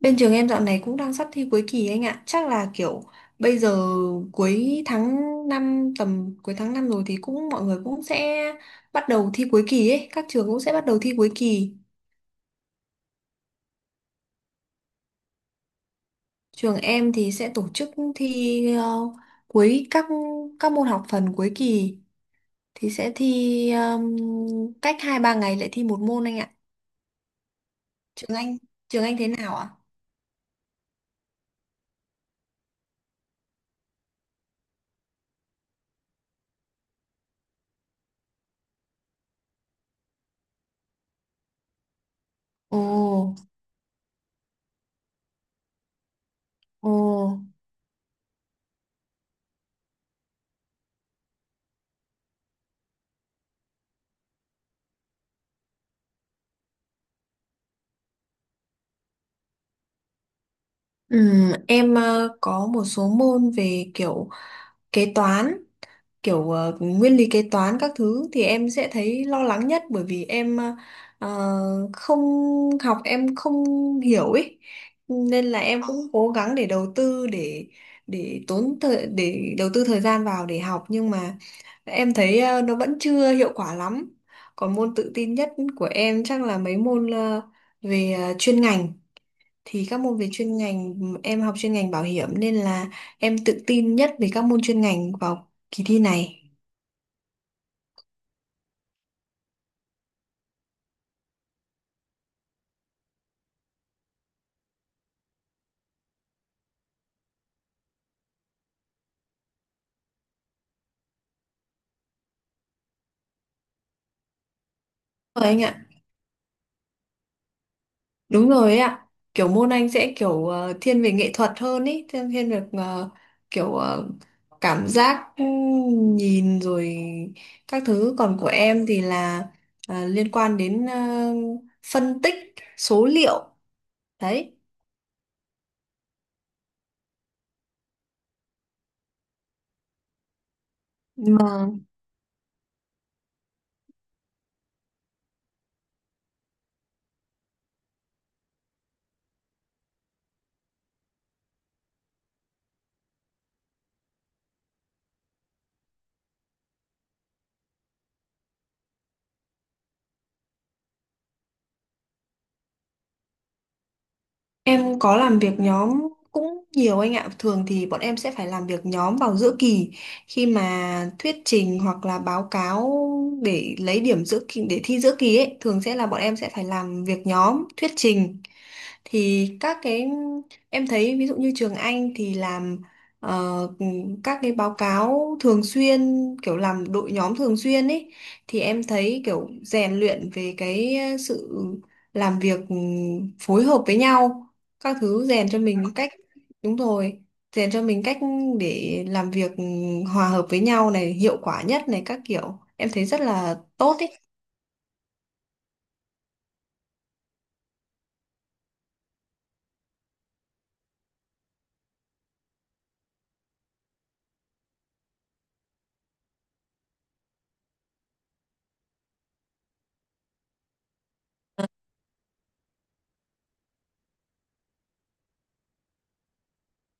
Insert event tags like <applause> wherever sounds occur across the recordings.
Bên trường em dạo này cũng đang sắp thi cuối kỳ anh ạ. Chắc là kiểu bây giờ cuối tháng 5 tầm cuối tháng 5 rồi, thì cũng mọi người cũng sẽ bắt đầu thi cuối kỳ ấy, các trường cũng sẽ bắt đầu thi cuối kỳ. Trường em thì sẽ tổ chức thi cuối các các môn học phần cuối kỳ thì sẽ thi cách 2-3 ngày lại thi một môn anh ạ. Trường anh, trường anh thế nào ạ? Ồ, ồ. Em có một số môn về kiểu kế toán, kiểu nguyên lý kế toán các thứ thì em sẽ thấy lo lắng nhất, bởi vì em ờ, không học, em không hiểu ấy, nên là em cũng cố gắng để đầu tư, để đầu tư thời gian vào để học, nhưng mà em thấy nó vẫn chưa hiệu quả lắm. Còn môn tự tin nhất của em chắc là mấy môn về chuyên ngành, thì các môn về chuyên ngành, em học chuyên ngành bảo hiểm nên là em tự tin nhất về các môn chuyên ngành vào kỳ thi này rồi anh ạ. Đúng rồi ấy ạ, kiểu môn anh sẽ kiểu thiên về nghệ thuật hơn ý, thiên thiên về kiểu cảm giác, nhìn rồi các thứ, còn của em thì là liên quan đến phân tích số liệu đấy mà. Em có làm việc nhóm cũng nhiều anh ạ. Thường thì bọn em sẽ phải làm việc nhóm vào giữa kỳ khi mà thuyết trình hoặc là báo cáo, để lấy điểm giữa kỳ, để thi giữa kỳ ấy, thường sẽ là bọn em sẽ phải làm việc nhóm, thuyết trình. Thì các cái em thấy, ví dụ như trường Anh thì làm ờ, các cái báo cáo thường xuyên, kiểu làm đội nhóm thường xuyên ấy, thì em thấy kiểu rèn luyện về cái sự làm việc, phối hợp với nhau các thứ, rèn cho mình cách đúng rồi, rèn cho mình cách để làm việc hòa hợp với nhau này, hiệu quả nhất này, các kiểu em thấy rất là tốt ấy.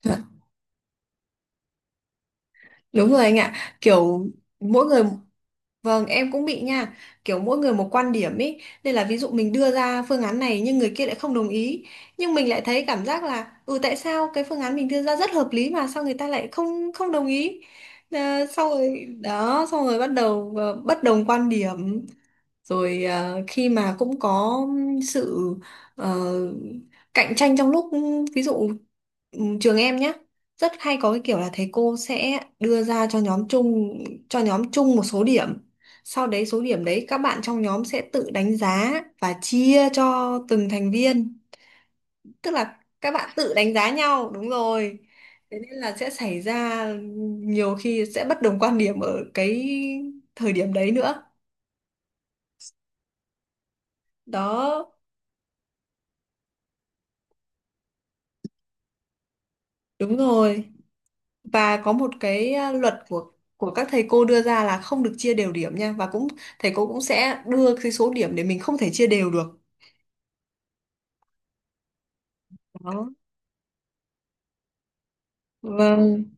Dạ. Đúng rồi anh ạ, kiểu mỗi người Vâng, em cũng bị nha, kiểu mỗi người một quan điểm ý, nên là ví dụ mình đưa ra phương án này nhưng người kia lại không đồng ý, nhưng mình lại thấy cảm giác là tại sao cái phương án mình đưa ra rất hợp lý mà sao người ta lại không không đồng ý. À, sau rồi đó, xong rồi bắt đầu bất đồng quan điểm. Rồi khi mà cũng có sự ờ, cạnh tranh, trong lúc ví dụ trường em nhé, rất hay có cái kiểu là thầy cô sẽ đưa ra cho nhóm chung một số điểm, sau đấy số điểm đấy các bạn trong nhóm sẽ tự đánh giá và chia cho từng thành viên. Tức là các bạn tự đánh giá nhau, đúng rồi. Thế nên là sẽ xảy ra, nhiều khi sẽ bất đồng quan điểm ở cái thời điểm đấy nữa. Đó, đúng rồi. Và có một cái, luật của các thầy cô đưa ra là không được chia đều điểm nha, và cũng thầy cô cũng sẽ đưa cái số điểm để mình không thể chia đều được. Đó. Vâng.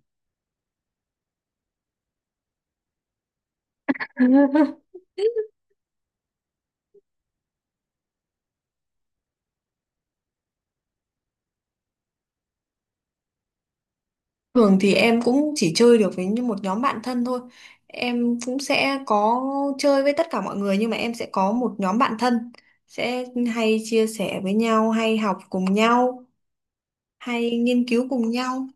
Thường thì em cũng chỉ chơi được với như một nhóm bạn thân thôi. Em cũng sẽ có chơi với tất cả mọi người nhưng mà em sẽ có một nhóm bạn thân, sẽ hay chia sẻ với nhau, hay học cùng nhau, hay nghiên cứu cùng nhau.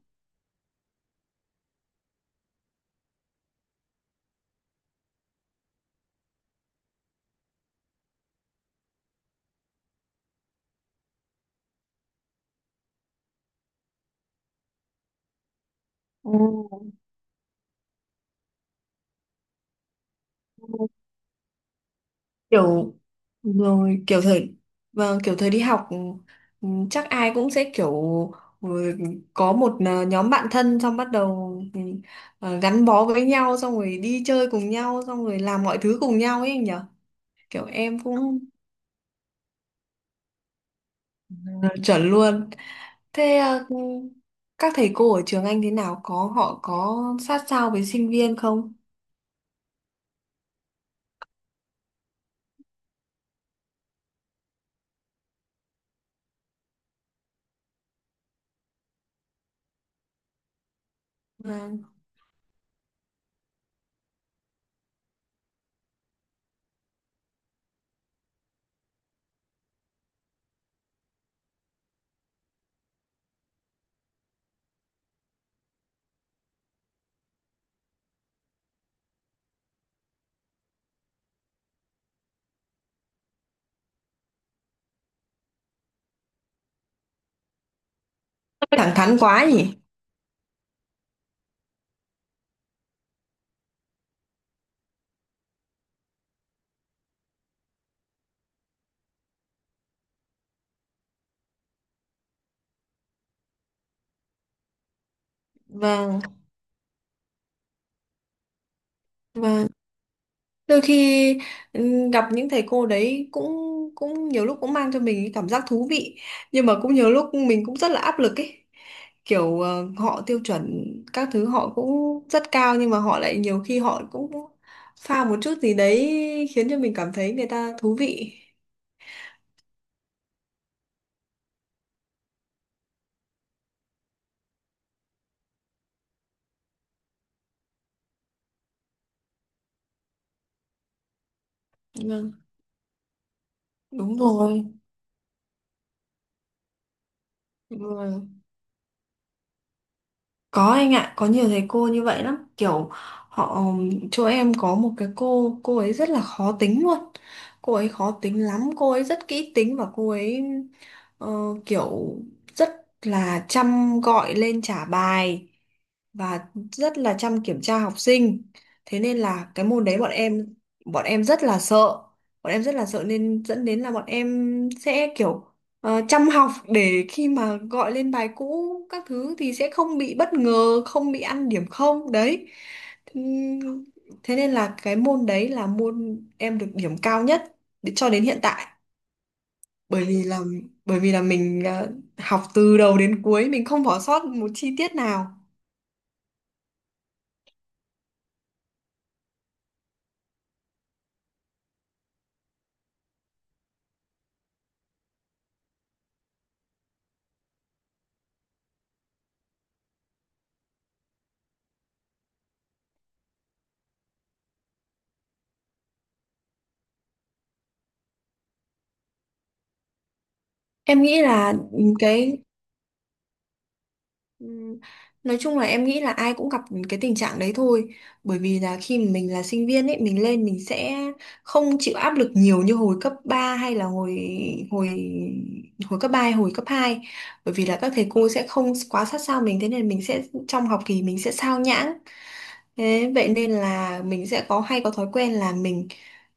Ồ. Kiểu rồi kiểu thời vâng, kiểu thời đi học, chắc ai cũng sẽ kiểu ừ, có một nhóm bạn thân, xong bắt đầu gắn bó với nhau, xong rồi đi chơi cùng nhau, xong rồi làm mọi thứ cùng nhau ấy anh nhở. Kiểu em cũng Ừ, chuẩn luôn. Thế các thầy cô ở trường anh thế nào? Họ có sát sao với sinh viên không? Vâng. Thẳng thắn quá nhỉ? Vâng, vâng. Đôi khi gặp những thầy cô đấy cũng cũng nhiều lúc cũng mang cho mình cái cảm giác thú vị, nhưng mà cũng nhiều lúc mình cũng rất là áp lực ấy. Kiểu họ tiêu chuẩn các thứ họ cũng rất cao, nhưng mà họ lại nhiều khi họ cũng pha một chút gì đấy khiến cho mình cảm thấy người ta thú vị. Vâng, đúng rồi. Ừ. Có anh ạ, có nhiều thầy cô như vậy lắm. Kiểu họ chỗ em có một cái cô ấy rất là khó tính luôn. Cô ấy khó tính lắm, cô ấy rất kỹ tính, và cô ấy ờ, kiểu rất là chăm gọi lên trả bài và rất là chăm kiểm tra học sinh. Thế nên là cái môn đấy, bọn em rất là sợ, bọn em rất là sợ nên dẫn đến là bọn em sẽ kiểu chăm học, để khi mà gọi lên bài cũ các thứ thì sẽ không bị bất ngờ, không bị ăn điểm không đấy. Ừm, thế nên là cái môn đấy là môn em được điểm cao nhất cho đến hiện tại, bởi vì là, mình học từ đầu đến cuối mình không bỏ sót một chi tiết nào. Em nghĩ là cái Ừm, Nói chung là em nghĩ là ai cũng gặp cái tình trạng đấy thôi, bởi vì là khi mà mình là sinh viên ấy, mình lên mình sẽ không chịu áp lực nhiều như hồi cấp ba, hay là hồi hồi hồi cấp 3 hay hồi cấp hai, bởi vì là các thầy cô sẽ không quá sát sao mình, thế nên mình sẽ, trong học kỳ mình sẽ sao nhãng, thế vậy nên là mình sẽ có, hay có thói quen là mình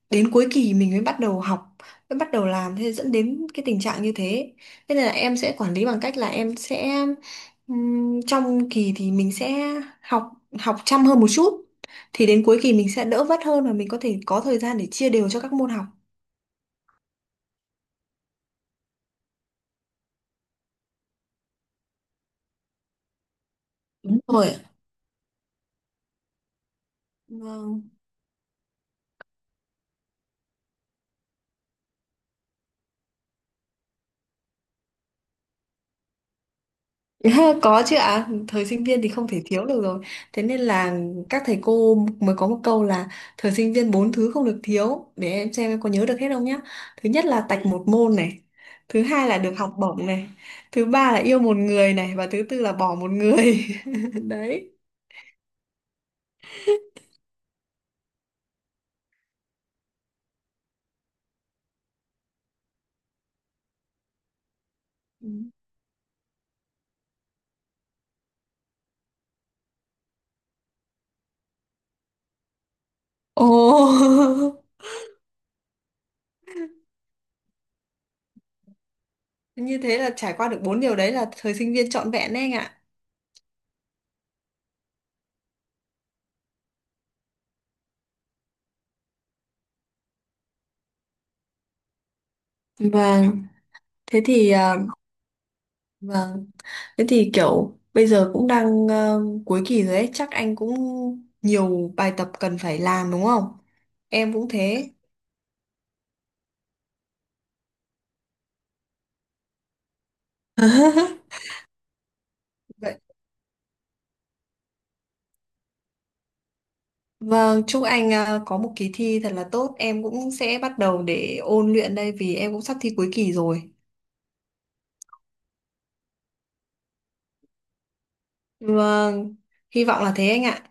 đến cuối kỳ mình mới bắt đầu học, mới bắt đầu làm, thế dẫn đến cái tình trạng như thế. Thế nên là em sẽ quản lý bằng cách là em sẽ trong kỳ thì mình sẽ học học chăm hơn một chút, thì đến cuối kỳ mình sẽ đỡ vất hơn, và mình có thể có thời gian để chia đều cho các môn học. Đúng rồi ạ. Vâng. <laughs> Có chứ ạ, thời sinh viên thì không thể thiếu được rồi. Thế nên là các thầy cô mới có một câu là, thời sinh viên bốn thứ không được thiếu, để em xem em có nhớ được hết không nhá. Thứ nhất là tạch một môn này, thứ hai là được học bổng này, thứ ba là yêu một người này, và thứ tư là bỏ một người. <laughs> Đấy. Ừ. Ồ. <laughs> Như thế là trải qua được bốn điều đấy là thời sinh viên trọn vẹn đấy anh ạ. Vâng, thế thì vâng, thế thì kiểu bây giờ cũng đang cuối kỳ rồi ấy, chắc anh cũng nhiều bài tập cần phải làm đúng không? Em cũng thế. <laughs> Vậy. Vâng, chúc anh có một kỳ thi thật là tốt, em cũng sẽ bắt đầu để ôn luyện đây, vì em cũng sắp thi cuối kỳ rồi. Vâng, hy vọng là thế anh ạ.